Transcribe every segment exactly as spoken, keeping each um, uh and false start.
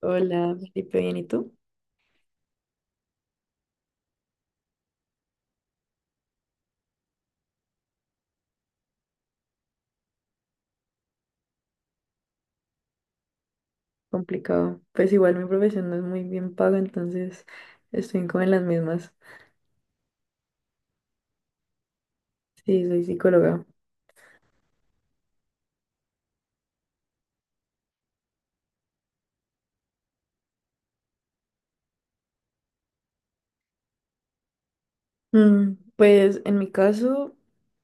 Hola, Felipe, bien, ¿y tú? Complicado. Pues igual mi profesión no es muy bien paga, entonces estoy como en las mismas. Sí, soy psicóloga. Mm, pues en mi caso,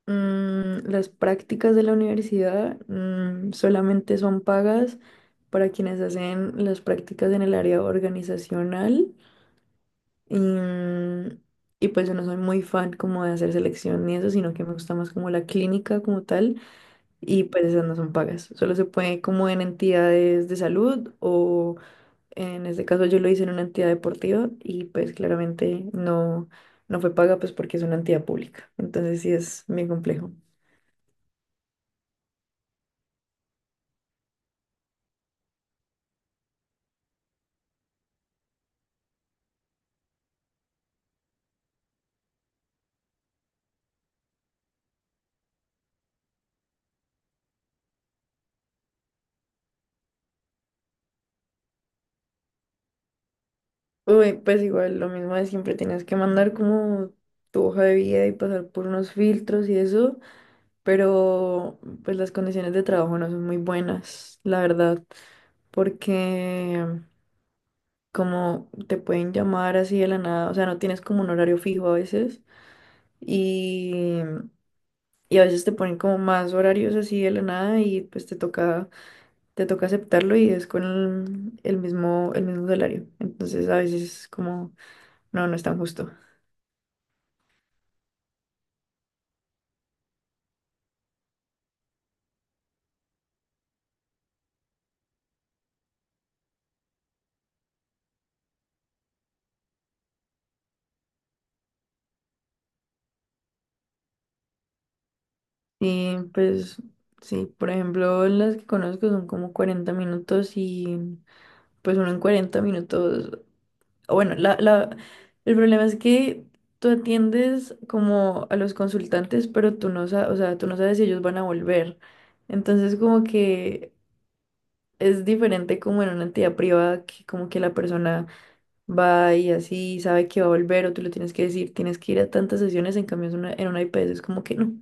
mm, las prácticas de la universidad mm, solamente son pagas para quienes hacen las prácticas en el área organizacional y, mm, y pues yo no soy muy fan como de hacer selección ni eso, sino que me gusta más como la clínica como tal. Y pues esas no son pagas. Solo se puede como en entidades de salud o en este caso yo lo hice en una entidad deportiva y pues claramente no, no fue paga pues porque es una entidad pública. Entonces sí es bien complejo. Uy, pues igual lo mismo de siempre, tienes que mandar como tu hoja de vida y pasar por unos filtros y eso, pero pues las condiciones de trabajo no son muy buenas, la verdad, porque como te pueden llamar así de la nada, o sea, no tienes como un horario fijo a veces y, y a veces te ponen como más horarios así de la nada y pues te toca, te toca aceptarlo y es con el, el mismo, el mismo salario. Entonces a veces es como, no, no es tan justo. Y pues sí, por ejemplo, las que conozco son como cuarenta minutos y pues uno en cuarenta minutos. Bueno, la, la, el problema es que tú atiendes como a los consultantes, pero tú no sabes, o sea, tú no sabes si ellos van a volver. Entonces, como que es diferente como en una entidad privada, que como que la persona va y así sabe que va a volver, o tú le tienes que decir, tienes que ir a tantas sesiones, en cambio es una- en una I P S es como que no.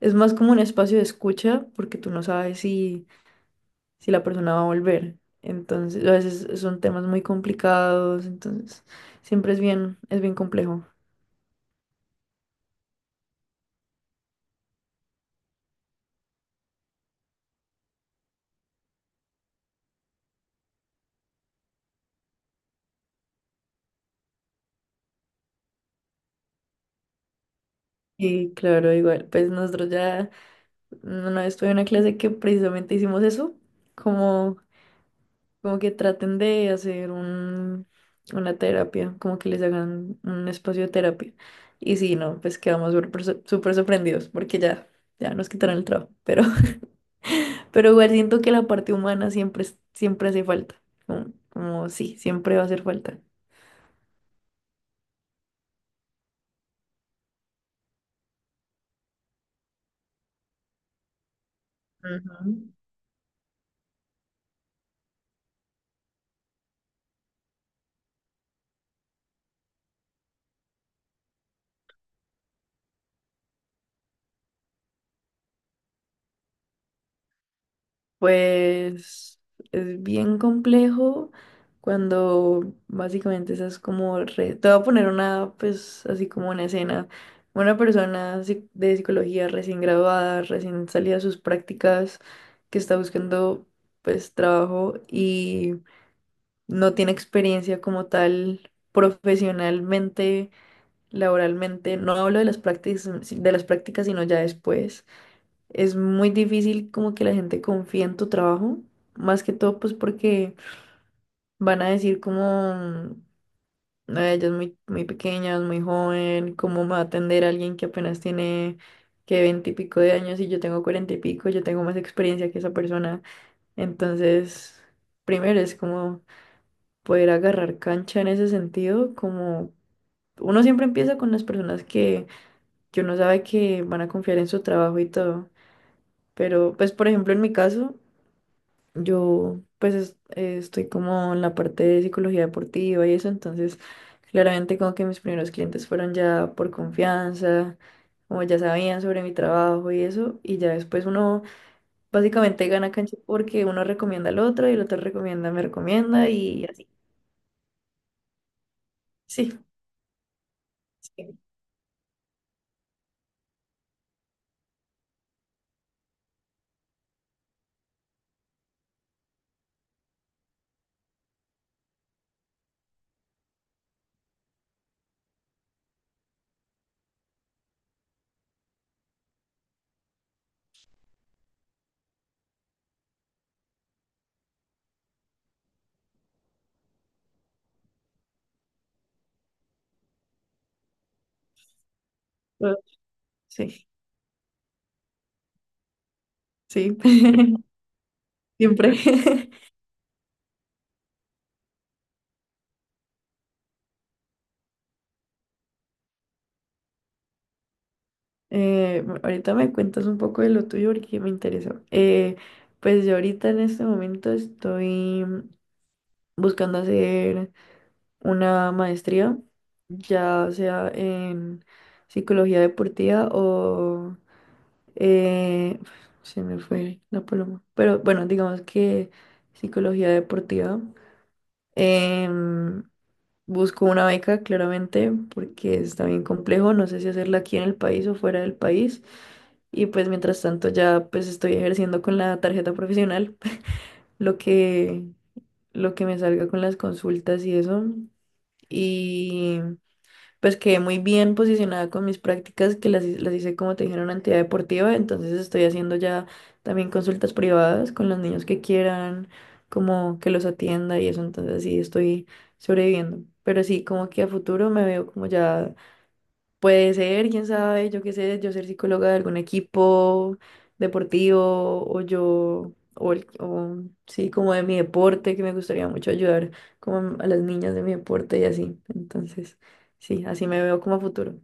Es más como un espacio de escucha, porque tú no sabes si si la persona va a volver. Entonces, a veces son temas muy complicados, entonces siempre es bien, es bien complejo. Y claro, igual, pues nosotros ya una vez tuve una clase que precisamente hicimos eso, como, como que traten de hacer un, una terapia, como que les hagan un espacio de terapia. Y si no, pues quedamos súper, sor- súper sorprendidos porque ya, ya nos quitaron el trabajo, pero Pero igual siento que la parte humana siempre, es- siempre hace falta. Como, como sí, siempre va a hacer falta. Ujú. Pues es bien complejo cuando básicamente esas como. re- Te voy a poner una, pues así como una escena. Una persona psi- de psicología recién graduada, recién salida de sus prácticas, que está buscando pues trabajo y no tiene experiencia como tal profesionalmente laboralmente, no hablo de las prácticas, de las prácticas, sino ya después. Es muy difícil como que la gente confíe en tu trabajo, más que todo pues porque van a decir como, "Ay, ella es muy, muy pequeña, es muy joven, ¿cómo me va a atender alguien que apenas tiene que veinte y pico de años y yo tengo cuarenta y pico, yo tengo más experiencia que esa persona? Entonces, primero es como poder agarrar cancha en ese sentido, como uno siempre empieza con las personas que que uno sabe que van a confiar en su trabajo y todo. Pero, pues, por ejemplo, en mi caso, yo, pues, es- eh, estoy como en la parte de psicología deportiva y eso, entonces, claramente como que mis primeros clientes fueron ya por confianza, como ya sabían sobre mi trabajo y eso, y ya después uno básicamente gana cancha porque uno recomienda al otro y el otro recomienda, me recomienda y así. Sí, sí, eh, sí, sí, siempre. Eh, ahorita me cuentas un poco de lo tuyo porque me interesa. Eh, pues yo ahorita en este momento estoy mm, buscando hacer una maestría, ya sea en psicología deportiva o eh, se me fue la paloma. Pero bueno, digamos que psicología deportiva. Em, Busco una beca, claramente, porque está bien complejo. No sé si hacerla aquí en el país o fuera del país. Y pues mientras tanto ya pues estoy ejerciendo con la tarjeta profesional lo que, lo que me salga con las consultas y eso. Y pues quedé muy bien posicionada con mis prácticas que las, hi- las hice como te dije en una entidad deportiva, entonces estoy haciendo ya también consultas privadas con los niños que quieran, como que los atienda y eso, entonces sí estoy sobreviviendo. Pero sí, como que a futuro me veo como ya puede ser, quién sabe, yo qué sé, yo ser psicóloga de algún equipo deportivo o yo, o, el- o, sí, como de mi deporte, que me gustaría mucho ayudar como a las niñas de mi deporte y así. Entonces, sí, así me veo como a futuro.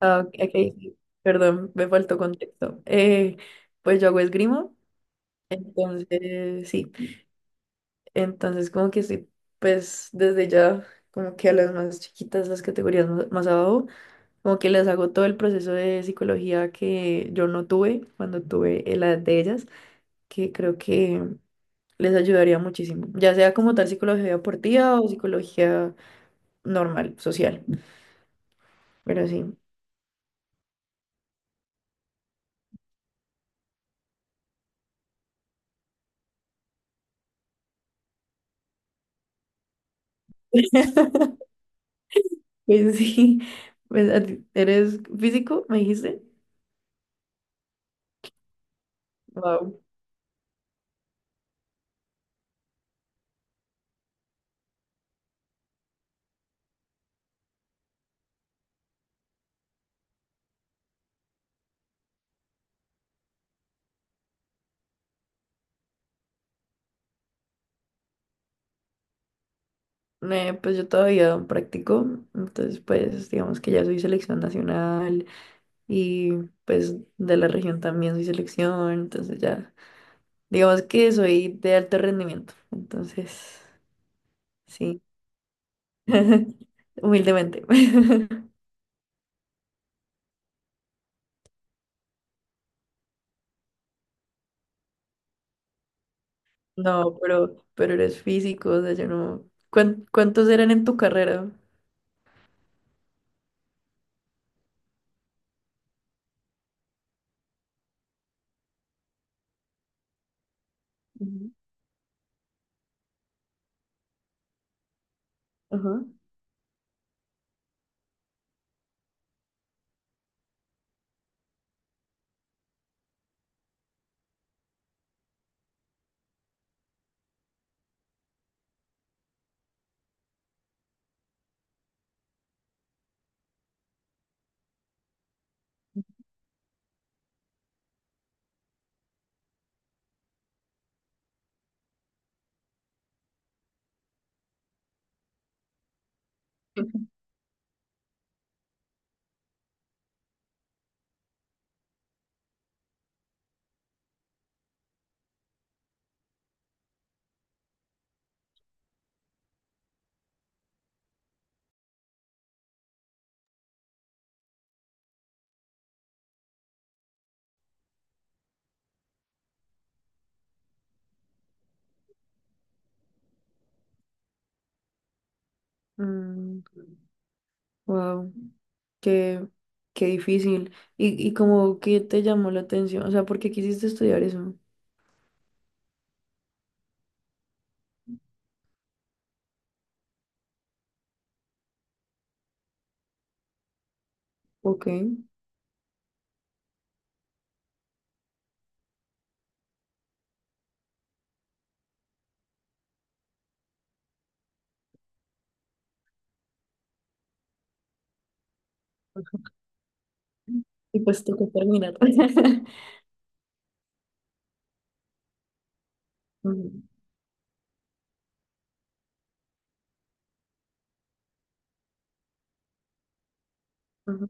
Ah, ok, ok, sí, perdón, me faltó contexto. Eh, pues yo hago esgrima, entonces, sí, entonces como que sí, pues desde ya, como que a las más chiquitas, las categorías más más abajo. Como que les hago todo el proceso de psicología que yo no tuve cuando tuve la de ellas, que creo que les ayudaría muchísimo. Ya sea como tal psicología deportiva o psicología normal, social. Pero sí. Pues sí. Pues, ¿a ti- ¿eres físico? Me dijiste. Wow. Eh, pues yo todavía practico. Entonces, pues digamos que ya soy selección nacional y pues de la región también soy selección. Entonces ya. Digamos que soy de alto rendimiento, entonces, sí, humildemente. No, pero, pero eres físico, o sea, yo no. ¿Cuán- ¿Cuántos eran en tu carrera? Ujú. Ajá. Wow, qué, qué difícil. ¿Y, y como qué te llamó la atención? O sea, ¿por qué quisiste estudiar eso? Ok. Y pues tocó terminar. Ujú, ujú.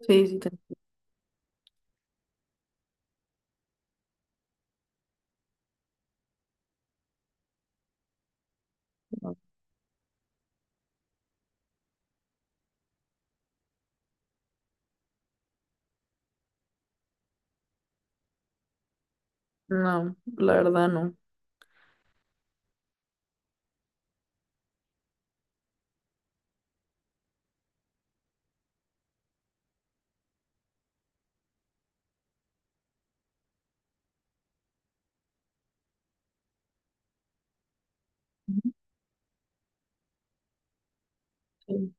Sí, sí, te entiendo. No, la verdad no. Ujú. Sí.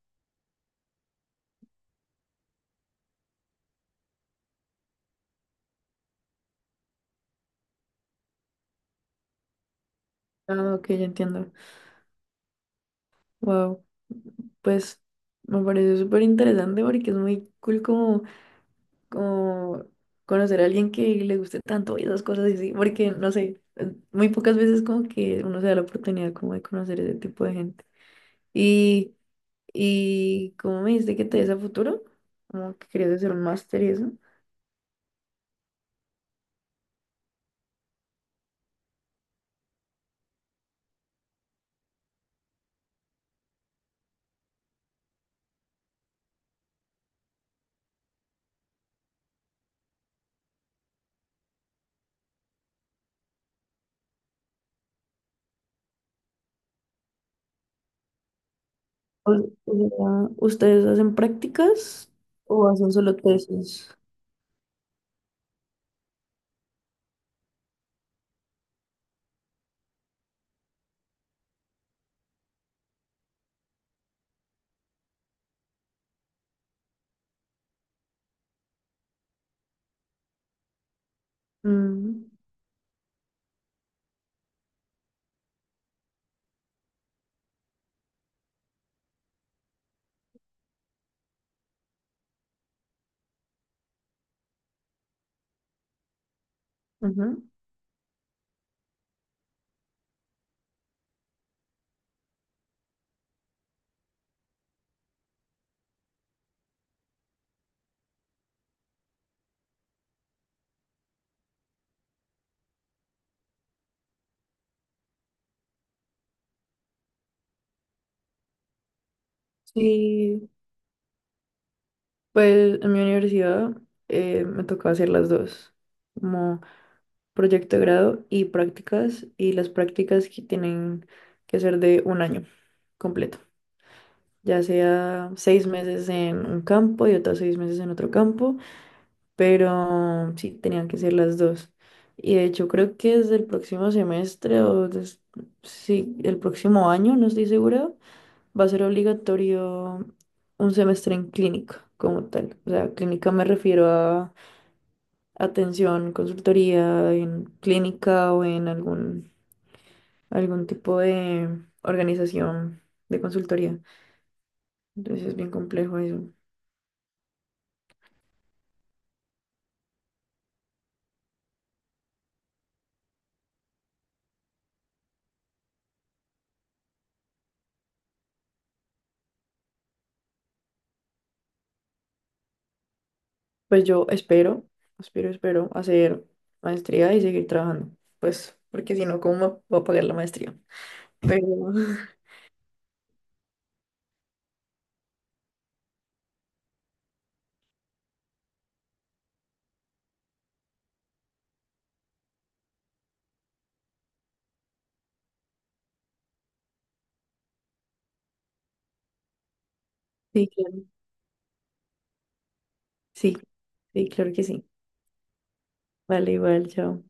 Ah, ok, ya entiendo. Wow, pues me parece súper interesante porque es muy cool como, como conocer a alguien que le guste tanto y esas cosas así, porque no sé, eh, muy pocas veces como que uno se da la oportunidad como de conocer ese tipo de gente. Y, y ¿cómo me dijiste que te ves a futuro? Como que querías hacer un máster y eso. O, o sea, ¿ustedes hacen prácticas o hacen solo tesis? Mm, ujú. Sí, pues en mi universidad eh, me tocaba hacer las dos, como proyecto de grado y prácticas, y las prácticas que tienen que ser de un año completo, ya sea seis meses en un campo y otros seis meses en otro campo, pero sí, tenían que ser las dos. Y de hecho creo que desde el próximo semestre o des- sí, el próximo año, no estoy segura, va a ser obligatorio un semestre en clínica como tal. O sea, clínica me refiero a atención, consultoría en clínica o en algún, algún tipo de organización de consultoría. Entonces es bien complejo eso. Pues yo espero, espero, espero hacer maestría y seguir trabajando. Pues porque si no, ¿cómo me voy a pagar la maestría? Pero sí, claro. Sí, sí, claro que sí. Vale, igual, chao.